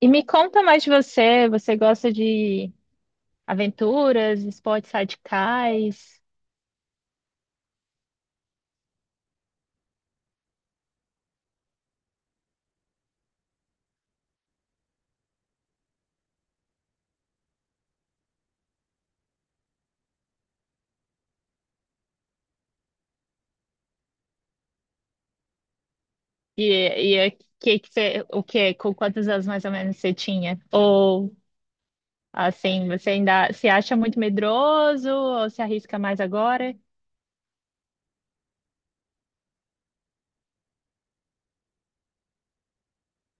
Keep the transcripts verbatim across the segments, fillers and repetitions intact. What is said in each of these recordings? E me conta mais de você. Você gosta de aventuras, esportes radicais? E, e é- que que você, o que, com quantos anos mais ou menos você tinha? Ou assim, você ainda se acha muito medroso ou se arrisca mais agora?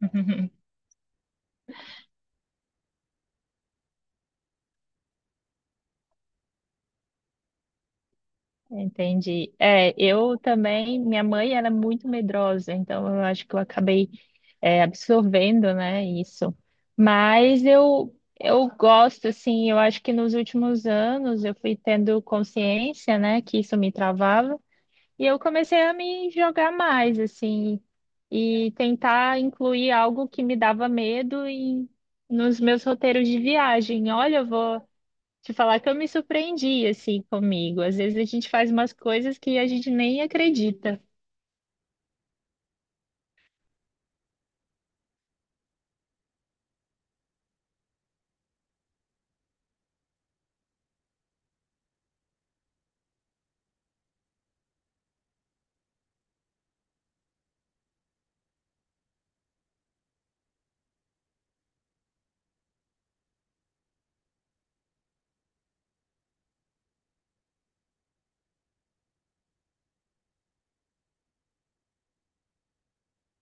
Entendi. É, eu também, minha mãe era muito medrosa, então eu acho que eu acabei é, absorvendo, né, isso. Mas eu eu gosto, assim, eu acho que nos últimos anos eu fui tendo consciência, né, que isso me travava, e eu comecei a me jogar mais, assim, e tentar incluir algo que me dava medo em, nos meus roteiros de viagem. Olha, eu vou te falar que eu me surpreendi assim comigo. Às vezes a gente faz umas coisas que a gente nem acredita.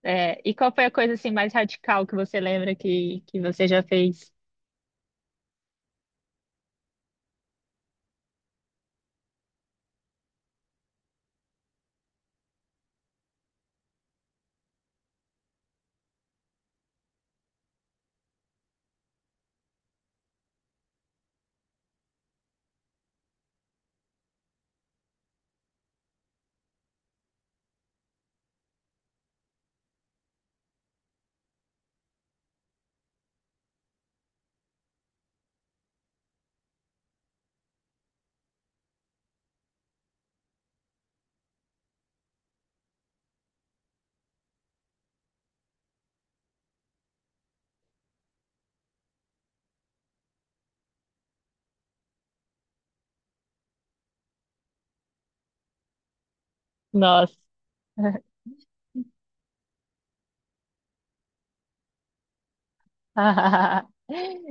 É, e qual foi a coisa assim mais radical que você lembra que, que você já fez? Nossa.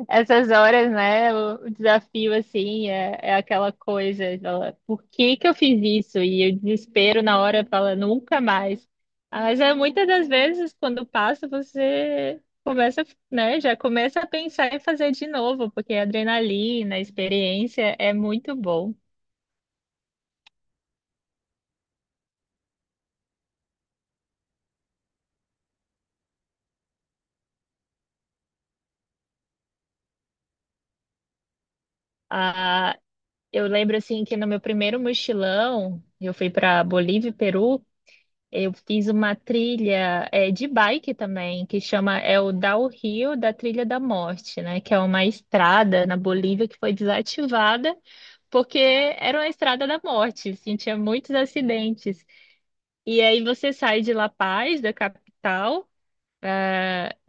Essas horas, né? O o desafio, assim, é, é aquela coisa, fala, por que que eu fiz isso? E o desespero na hora fala, nunca mais. Ah, mas é muitas das vezes, quando passa, você começa, né? Já começa a pensar em fazer de novo, porque a adrenalina, a experiência é muito bom. Ah, eu lembro, assim, que no meu primeiro mochilão, eu fui para Bolívia e Peru. Eu fiz uma trilha é, de bike também, que chama é o Downhill da Trilha da Morte, né? Que é uma estrada na Bolívia que foi desativada porque era uma estrada da morte, assim, tinha muitos acidentes. E aí você sai de La Paz, da capital,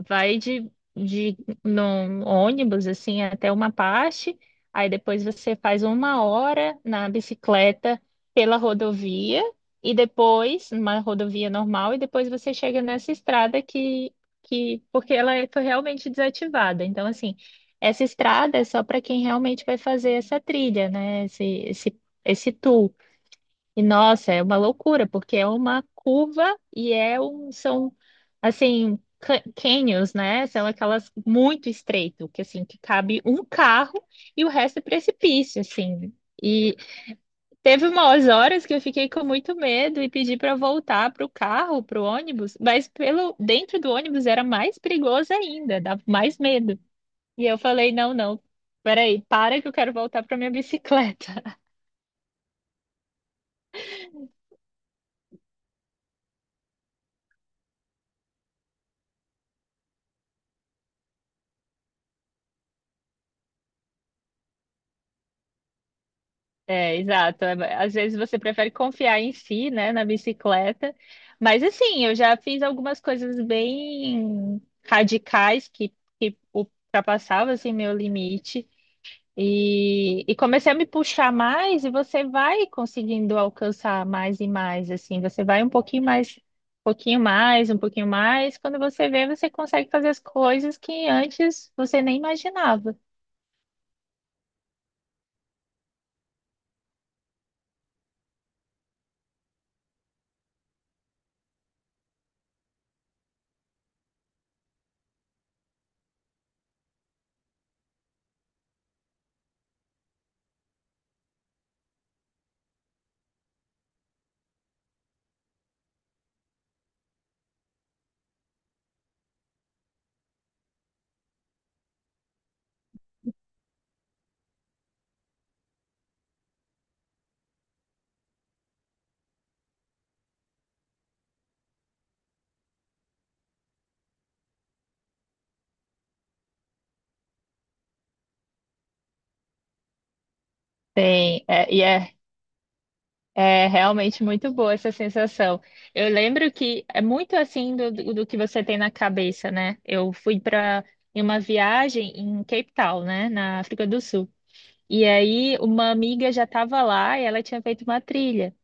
vai de, de num ônibus assim até uma parte, aí depois você faz uma hora na bicicleta pela rodovia e depois numa rodovia normal e depois você chega nessa estrada que que porque ela é- foi realmente desativada. Então assim, essa estrada é só para quem realmente vai fazer essa trilha, né? Esse esse esse tour. E nossa, é uma loucura, porque é uma curva e é um, são assim, ca- canyons, né? São aquelas muito estreito, que assim, que cabe um carro e o resto é precipício, assim. E teve umas horas que eu fiquei com muito medo e pedi para voltar pro carro, pro ônibus, mas pelo dentro do ônibus era mais perigoso ainda, dava mais medo. E eu falei, não, não, peraí, para que eu quero voltar para minha bicicleta. É, exato. É, às vezes você prefere confiar em si, né, na bicicleta. Mas assim, eu já fiz algumas coisas bem radicais que, que ultrapassavam assim, meu limite. E, e comecei a me puxar mais, e você vai conseguindo alcançar mais e mais, assim, você vai um pouquinho mais, um pouquinho mais, um pouquinho mais. Quando você vê, você consegue fazer as coisas que antes você nem imaginava. Tem, é, e é É realmente muito boa essa sensação. Eu lembro que é muito assim do, do que você tem na cabeça, né? Eu fui para uma viagem em Cape Town, né, na África do Sul. E aí uma amiga já estava lá e ela tinha feito uma trilha.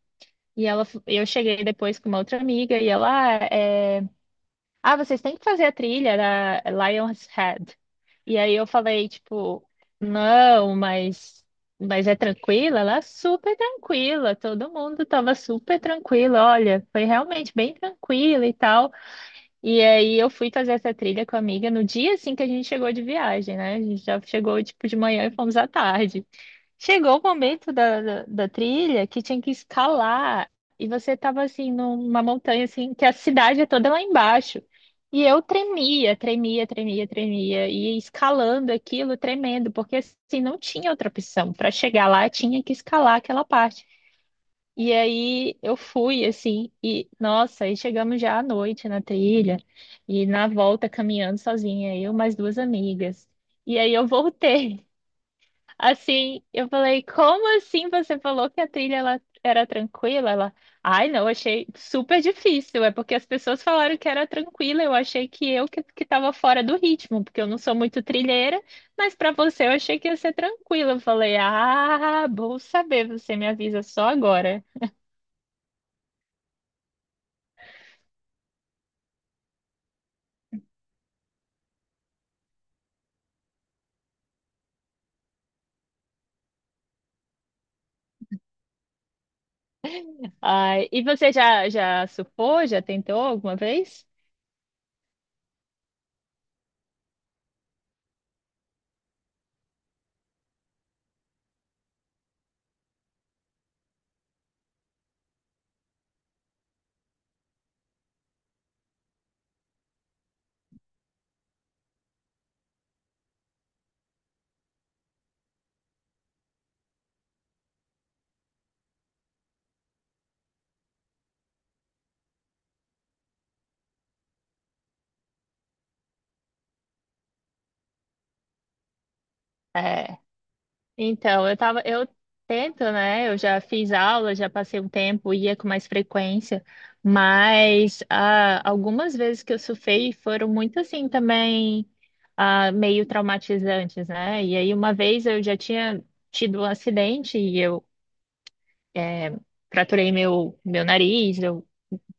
E ela, eu cheguei depois com uma outra amiga e ela, ah, é, ah, vocês têm que fazer a trilha da Lion's Head. E aí eu falei, tipo, não, mas, mas é tranquila? Ela é super tranquila, todo mundo tava super tranquilo, olha, foi realmente bem tranquila e tal. E aí eu fui fazer essa trilha com a amiga no dia assim que a gente chegou de viagem, né? A gente já chegou, tipo, de manhã e fomos à tarde. Chegou o momento da, da, da trilha que tinha que escalar e você estava assim numa montanha assim que a cidade é toda lá embaixo. E eu tremia, tremia, tremia, tremia e escalando aquilo, tremendo, porque assim não tinha outra opção. Para chegar lá tinha que escalar aquela parte. E aí eu fui assim e nossa, aí chegamos já à noite na trilha e na volta caminhando sozinha, eu mais duas amigas. E aí eu voltei. Assim, eu falei, como assim você falou que a trilha ela era tranquila? Ela, ai, não, achei super difícil. É porque as pessoas falaram que era tranquila, eu achei que eu que, que tava fora do ritmo, porque eu não sou muito trilheira, mas pra você eu achei que ia ser tranquila. Eu falei, ah, bom saber, você me avisa só agora. Ai, e você já já surfou? Já tentou alguma vez? É. Então, eu tava, eu tento, né? Eu já fiz aula, já passei um tempo, ia com mais frequência, mas ah, algumas vezes que eu surfei foram muito assim também, ah, meio traumatizantes, né? E aí uma vez eu já tinha tido um acidente e eu eh, fraturei meu, meu nariz, eu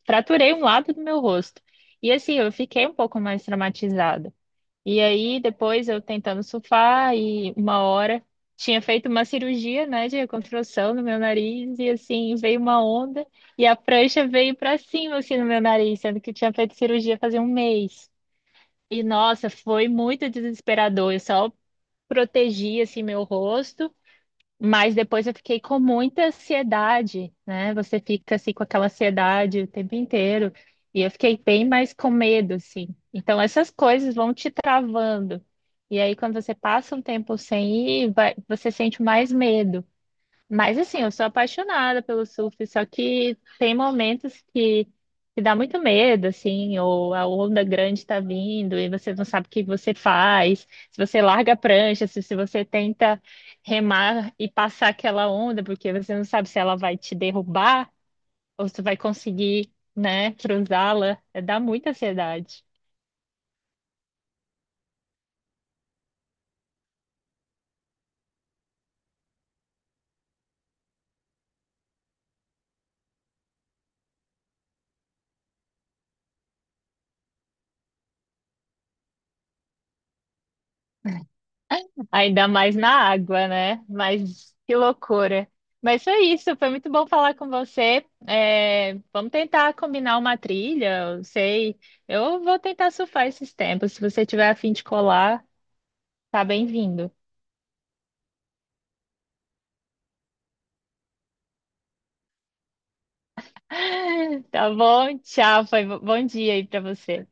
fraturei um lado do meu rosto. E assim, eu fiquei um pouco mais traumatizada. E aí, depois eu tentando surfar e uma hora tinha feito uma cirurgia, né, de reconstrução no meu nariz e assim veio uma onda e a prancha veio para cima assim no meu nariz, sendo que eu tinha feito cirurgia fazia um mês. E nossa, foi muito desesperador. Eu só protegi assim meu rosto, mas depois eu fiquei com muita ansiedade, né? Você fica assim com aquela ansiedade o tempo inteiro. E eu fiquei bem mais com medo, assim. Então essas coisas vão te travando. E aí, quando você passa um tempo sem ir, vai- você sente mais medo. Mas assim, eu sou apaixonada pelo surf, só que tem momentos que que dá muito medo, assim, ou a onda grande está vindo e você não sabe o que você faz, se você larga a prancha, se, se você tenta remar e passar aquela onda, porque você não sabe se ela vai te derrubar ou se vai conseguir, né, cruzá-la. É, dá muita ansiedade. Ainda mais na água, né? Mas que loucura. Mas foi isso, foi muito bom falar com você. É, vamos tentar combinar uma trilha, eu sei. Eu vou tentar surfar esses tempos. Se você tiver a fim de colar, tá bem-vindo. Tá bom? Tchau, foi bo- bom dia aí pra você.